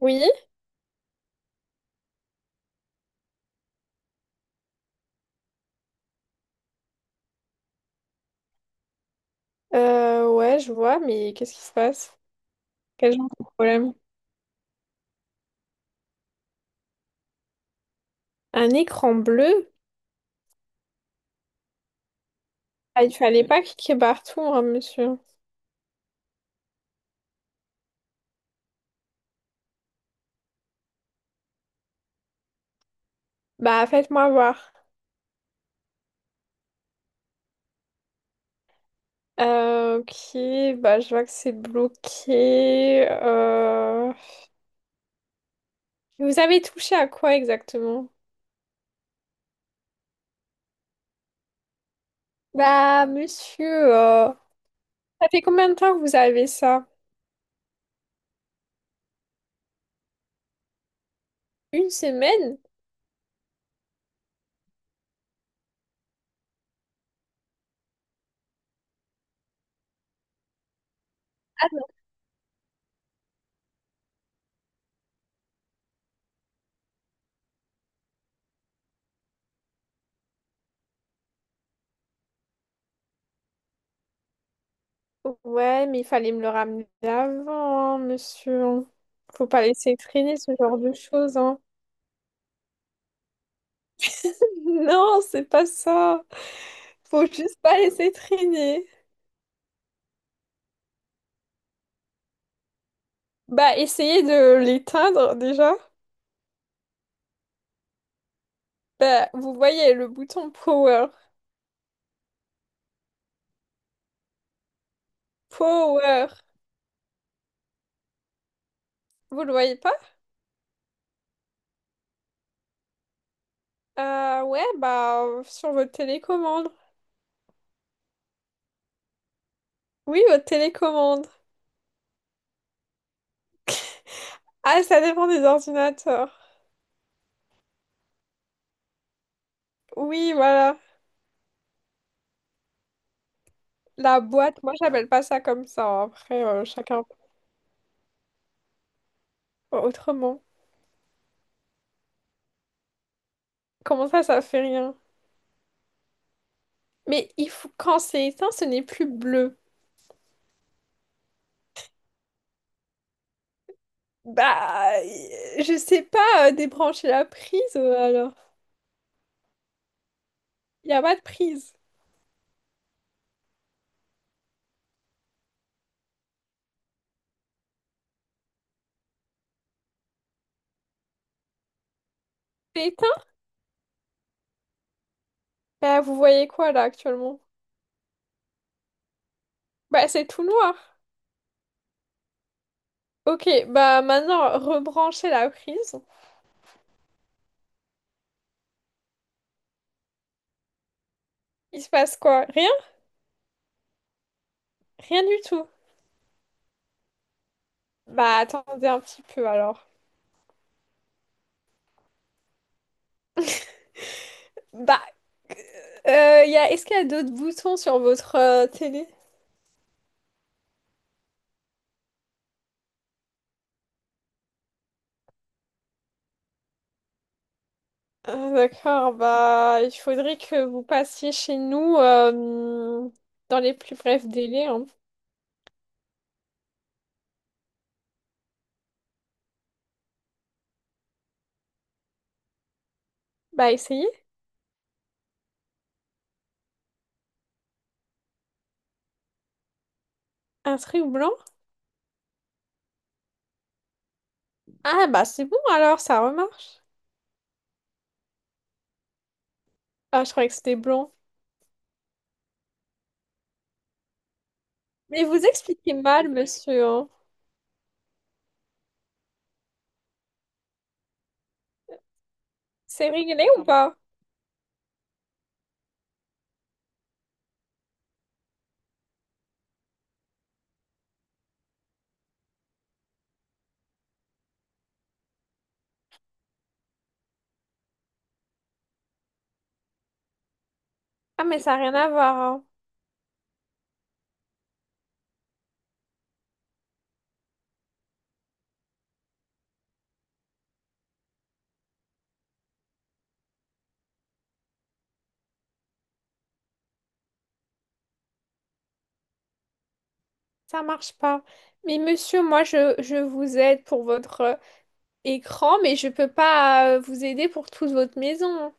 Oui, ouais, je vois, mais qu'est-ce qui se passe? Quel genre de problème? Un écran bleu? Ah, il fallait pas cliquer partout, hein, monsieur. Bah, faites-moi voir. Ok, bah, je vois que c'est bloqué. Vous avez touché à quoi exactement? Bah, monsieur, euh, ça fait combien de temps que vous avez ça? Une semaine? Ouais, mais il fallait me le ramener avant, hein, monsieur. Faut pas laisser traîner ce genre de choses, hein. Non, c'est pas ça. Faut juste pas laisser traîner. Bah, essayez de l'éteindre déjà. Bah, vous voyez le bouton power. Power. Vous le voyez pas? Ouais, bah, sur votre télécommande. Oui, votre télécommande. Ah, ça dépend des ordinateurs. Oui, voilà. La boîte, moi, j'appelle pas ça comme ça, hein. Après, chacun autrement. Comment ça, ça fait rien? Mais il faut, quand c'est éteint, ce n'est plus bleu. Bah, euh, je sais pas, débrancher la prise, alors. Il a pas de prise. C'est éteint? Bah, vous voyez quoi là actuellement? Bah, c'est tout noir. Ok, bah maintenant, rebranchez la prise. Il se passe quoi? Rien? Rien du tout. Bah, attendez un petit peu alors. Bah, Y a, est-ce qu'il y a d'autres boutons sur votre télé? Ah, d'accord, bah, il faudrait que vous passiez chez nous dans les plus brefs délais, hein. Bah, essayez. Un truc blanc? Ah, bah c'est bon alors, ça remarche. Ah, je croyais que c'était blond. Mais vous expliquez mal, monsieur, hein. C'est réglé ou pas? Ah, mais ça n'a rien à voir, hein. Ça marche pas. Mais monsieur, moi, je vous aide pour votre écran, mais je peux pas vous aider pour toute votre maison, hein.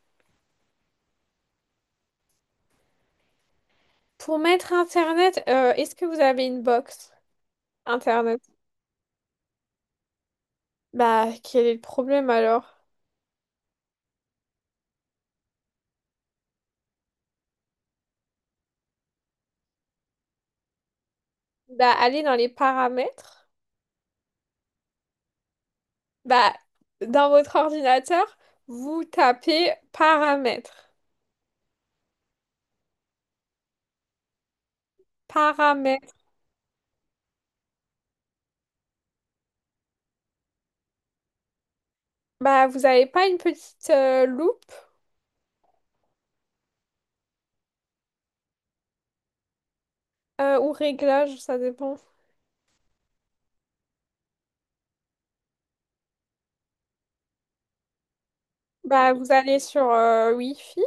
Pour mettre Internet, est-ce que vous avez une box Internet? Bah, quel est le problème alors? Bah, allez dans les paramètres. Bah, dans votre ordinateur, vous tapez paramètres. Paramètres. Bah, vous avez pas une petite loupe ou réglage, ça dépend. Bah, vous allez sur Wi-Fi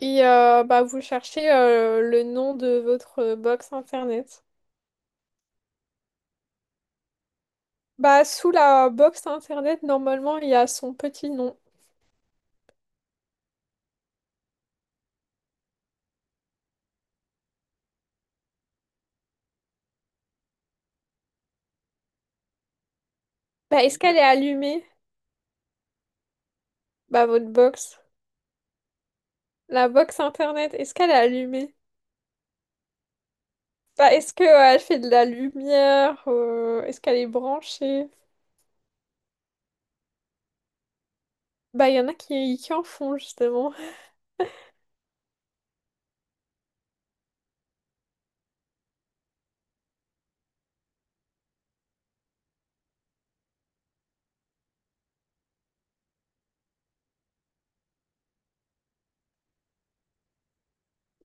et bah, vous cherchez le nom de votre box internet. Bah, sous la box internet, normalement, il y a son petit nom. Bah, est-ce qu'elle est allumée? Bah, votre box. La box internet, est-ce qu'elle est allumée? Bah, est-ce que elle fait de la lumière? Est-ce qu'elle est branchée? Bah, il y en a qui en font justement.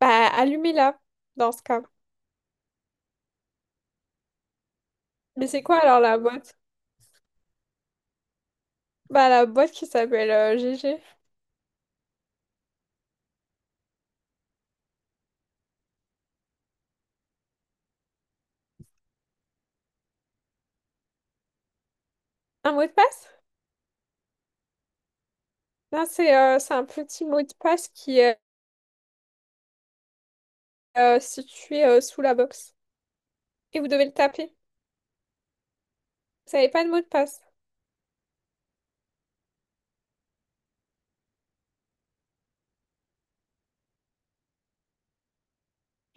Bah, allumez-la dans ce cas. Mais c'est quoi alors la boîte? Bah la boîte qui s'appelle GG. Un mot de passe? Non, c'est un petit mot de passe qui est situé sous la box. Et vous devez le taper. Vous n'avez pas de mot de passe.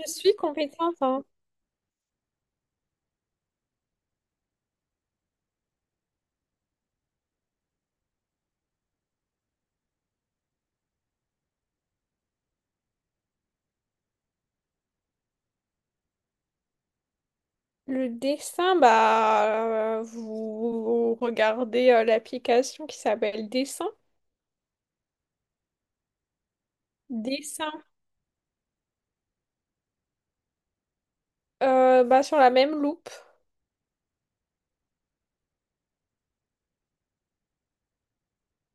Je suis compétente, hein. Le dessin, bah vous regardez l'application qui s'appelle Dessin. Dessin. Bah, sur la même loupe.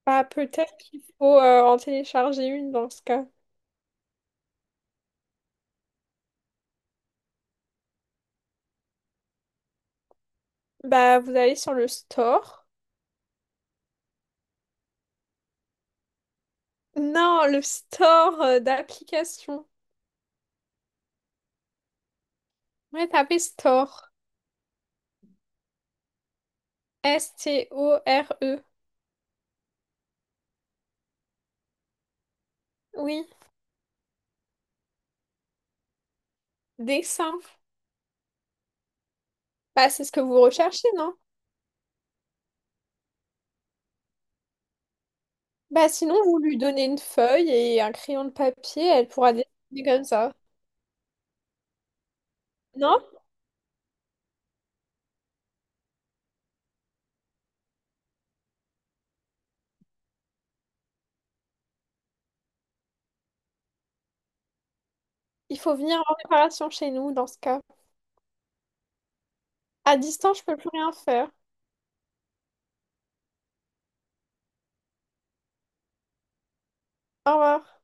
Bah peut-être qu'il faut en télécharger une dans ce cas. Bah vous allez sur le store. Non, le store d'application. Ouais, tapez store. STORE. Oui, dessin. Bah, c'est ce que vous recherchez, non? Bah, sinon, vous lui donnez une feuille et un crayon de papier, elle pourra dessiner comme ça. Non? Il faut venir en réparation chez nous dans ce cas. À distance, je peux plus rien faire. Au revoir.